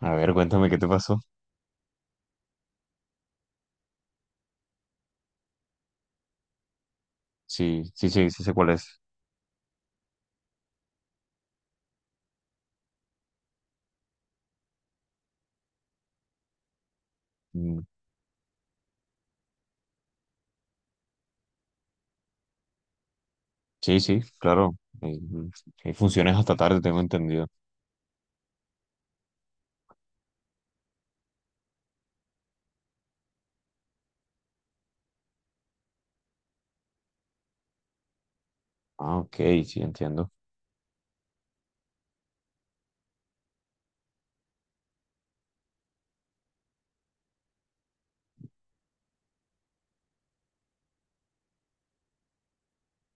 A ver, cuéntame qué te pasó. Sí, sí, sí, sí sé cuál es. Mm, sí, sí, claro. Eh, mm, Hay funciones hasta tarde, tengo entendido. Ah, ok, sí, entiendo.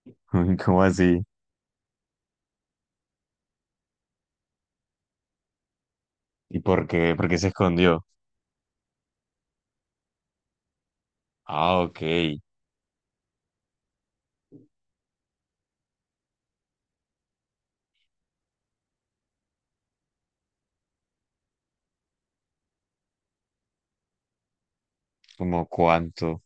¿Cómo así? ¿Y por qué? ¿Por qué se escondió? Ah, ok. ¿Cómo cuánto?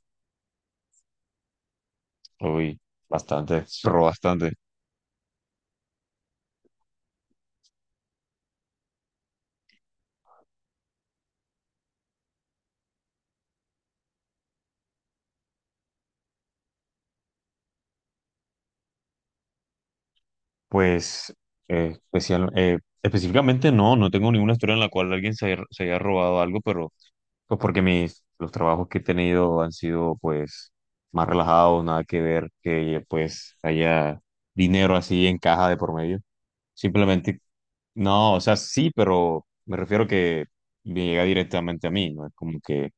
Uy, bastante, pero bastante. Pues específicamente no, no tengo ninguna historia en la cual alguien se haya robado algo, pero pues porque los trabajos que he tenido han sido pues más relajados, nada que ver que pues haya dinero así en caja de por medio. Simplemente, no, o sea, sí, pero me refiero que me llega directamente a mí, no es como que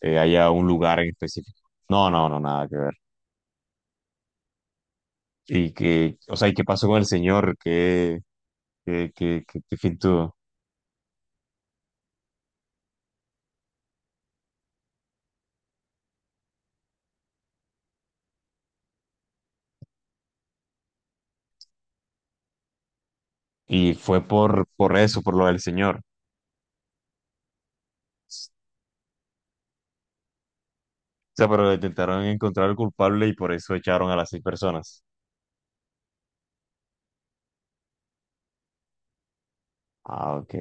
haya un lugar en específico. No, no, no, nada que ver. Y que, o sea, ¿y qué pasó con el señor? ¿Qué fin tuvo? Y fue por eso, por lo del señor. O sea, pero intentaron encontrar al culpable y por eso echaron a las seis personas. Ah, ok.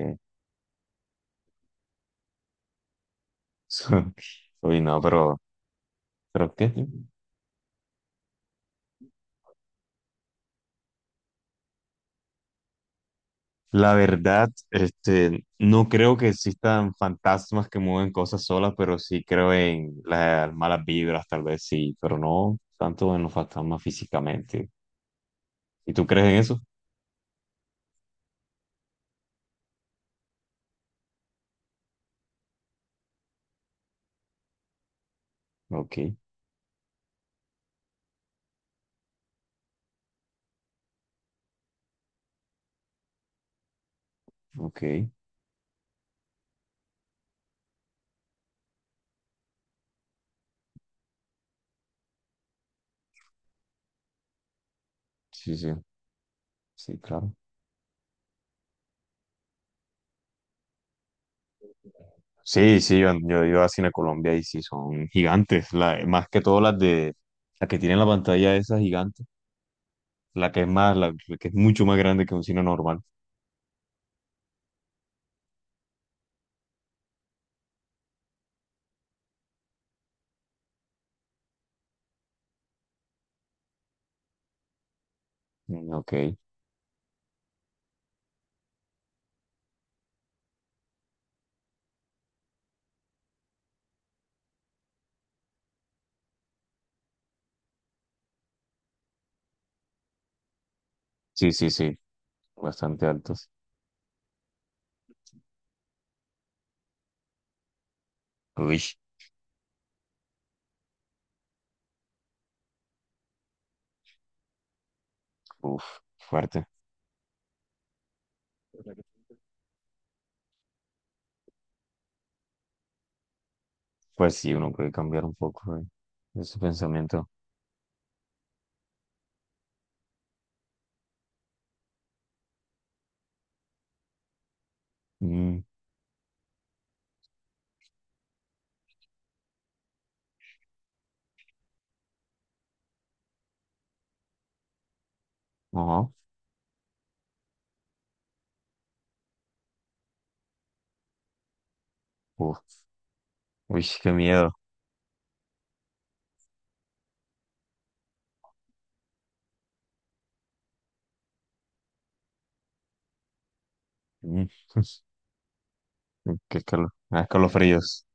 Uy, no, pero ¿qué? La verdad, este, no creo que existan fantasmas que mueven cosas solas, pero sí creo en las malas vibras, tal vez sí, pero no tanto en los fantasmas físicamente. ¿Y tú crees en eso? Ok, ok. Sí, sí, sí, claro. Sí, sí, yo he ido a Cine Colombia y sí, son gigantes. Más que todo las que tienen la pantalla esa gigante, la que es mucho más grande que un cine normal. Mm, ok, sí, sí, sí, bastante altos. Uy, uf, fuerte. Pues sí, uno puede cambiar un poco ese pensamiento. Mm, ajá, uf, uy, qué miedo. Mm, qué calor, ah, escalofríos.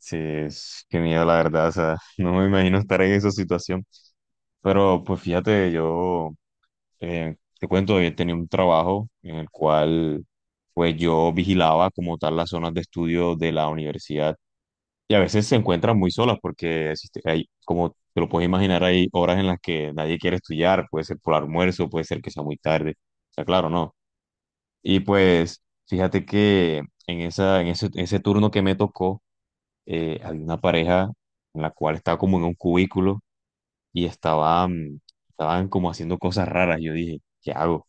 Sí, qué miedo, la verdad. O sea, no me imagino estar en esa situación. Pero pues fíjate, yo te cuento, yo tenía un trabajo en el cual pues yo vigilaba como tal las zonas de estudio de la universidad y a veces se encuentran muy solas porque hay, como te lo puedes imaginar, hay horas en las que nadie quiere estudiar, puede ser por almuerzo, puede ser que sea muy tarde, o sea, claro, no. Y pues fíjate que en ese turno que me tocó, había una pareja en la cual estaba como en un cubículo y estaban como haciendo cosas raras. Yo dije, ¿qué hago?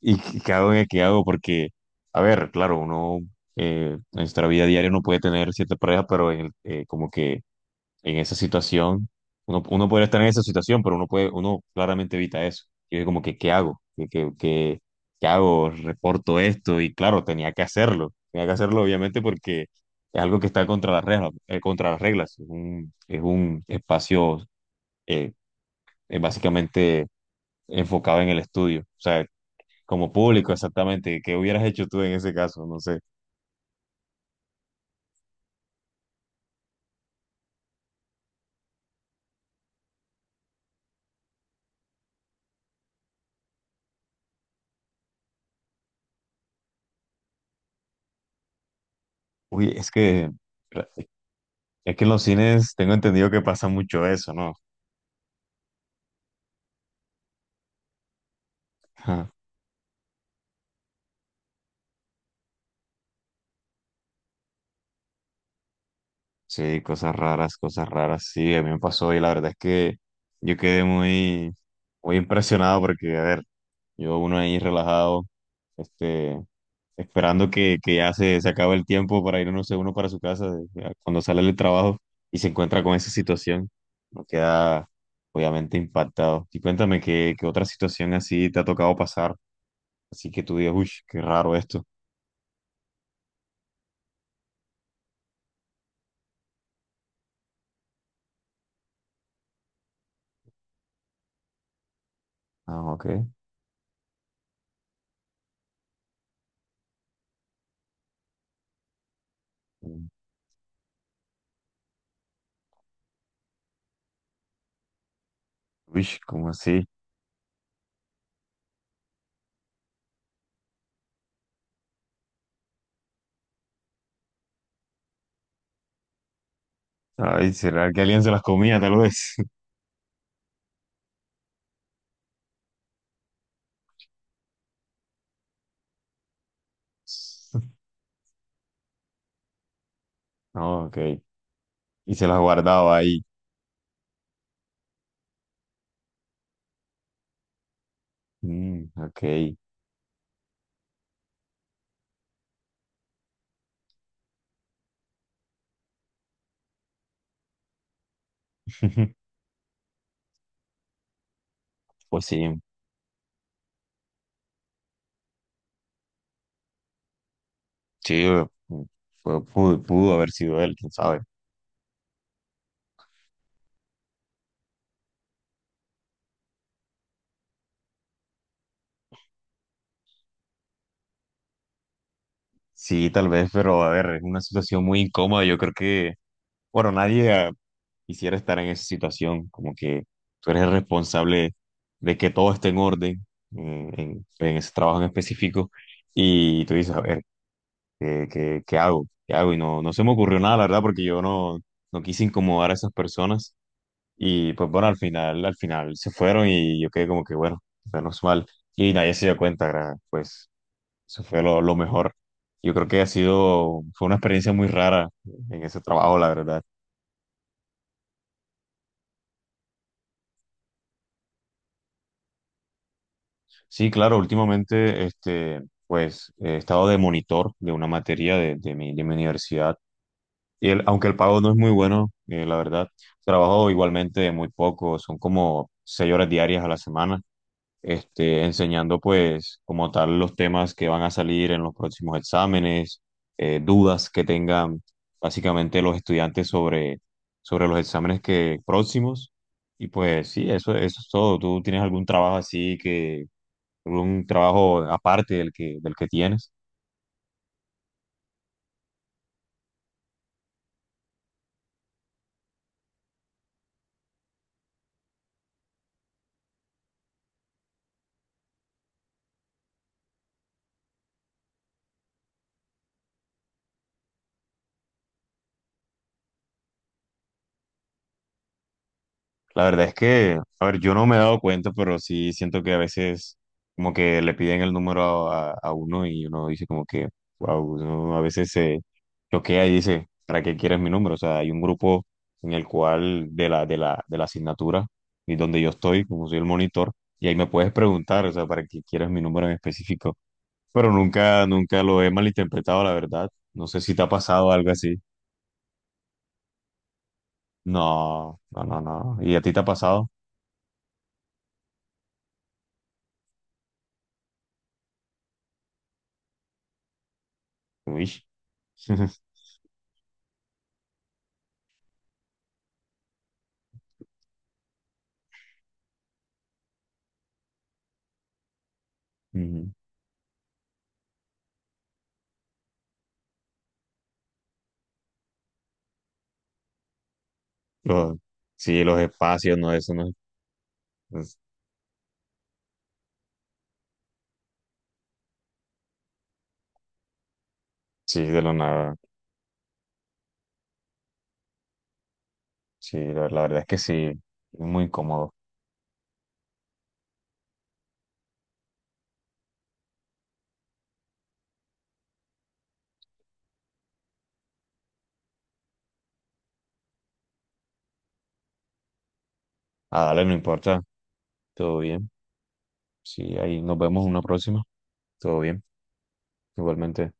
¿Y qué hago? ¿Qué hago? Porque, a ver, claro, uno en nuestra vida diaria no puede tener cierta pareja, pero como que en esa situación, uno puede estar en esa situación, pero uno puede, uno claramente evita eso. Yo dije como que, ¿qué hago? ¿Qué hago? Reporto esto y claro, tenía que hacerlo. Tenía que hacerlo obviamente porque es algo que está contra las reglas, contra las reglas. Es un espacio eh, básicamente enfocado en el estudio. O sea, como público exactamente, ¿qué hubieras hecho tú en ese caso? No sé. Uy, es que en los cines tengo entendido que pasa mucho eso, ¿no? Sí, cosas raras, cosas raras. Sí, a mí me pasó y la verdad es que yo quedé muy, muy impresionado porque, a ver, yo uno ahí relajado, este, esperando que ya se acabe el tiempo para ir, no sé, uno para su ya cuando sale del trabajo y se encuentra con esa situación, uno queda obviamente impactado. Y cuéntame qué otra situación así te ha tocado pasar, así que tú digas, uy, qué raro esto. Ah, ok. Mm, uy, ¿cómo así? Ay, ¿será que alguien se las comía, tal vez? No, ok. Y se las guardaba ahí. Mm, ok. Pues sí, sí, pu- pudo haber sido él, quién sabe. Sí, tal vez, pero a ver, es una situación muy incómoda. Yo creo que, bueno, nadie quisiera estar en esa situación. Como que tú eres el responsable de que todo esté en orden en ese trabajo en específico. Y tú dices, a ver. ¿Qué hago? ¿Qué hago? Y no, no, se me ocurrió nada, la verdad, porque yo no quise incomodar a esas personas. Y pues bueno, al final se fueron y yo quedé como que bueno, menos mal. Y nadie se dio cuenta, pues eso fue lo mejor. Yo creo que fue una experiencia muy rara en ese trabajo, la verdad. Sí, claro, últimamente, este, pues he estado de monitor de una materia de mi universidad. Aunque el pago no es muy bueno, la verdad, trabajo igualmente muy poco, son como 6 horas diarias a la semana, este, enseñando pues como tal los temas que van a salir en los próximos exámenes, dudas que tengan básicamente los estudiantes sobre los exámenes que, próximos. Y pues sí, eso es todo. ¿Tú tienes algún trabajo aparte del que tienes? La verdad es que, a ver, yo no me he dado cuenta, pero sí siento que a veces como que le piden el número a uno y uno dice como que, wow, uno a veces se choquea y dice, ¿para qué quieres mi número? O sea, hay un grupo en el cual de la asignatura y donde yo estoy, como soy el monitor, y ahí me puedes preguntar, o sea, ¿para qué quieres mi número en específico? Pero nunca, nunca lo he malinterpretado, la verdad. No sé si te ha pasado algo así. No, no, no, no. ¿Y a ti te ha pasado? Uy. Ujú. Los- sí, los espacios, no, eso no es. Pues, sí, de lo nada. Sí, la verdad es que sí, es muy cómodo. Ah, dale, no importa, todo bien. Sí, ahí nos vemos en una próxima, todo bien, igualmente.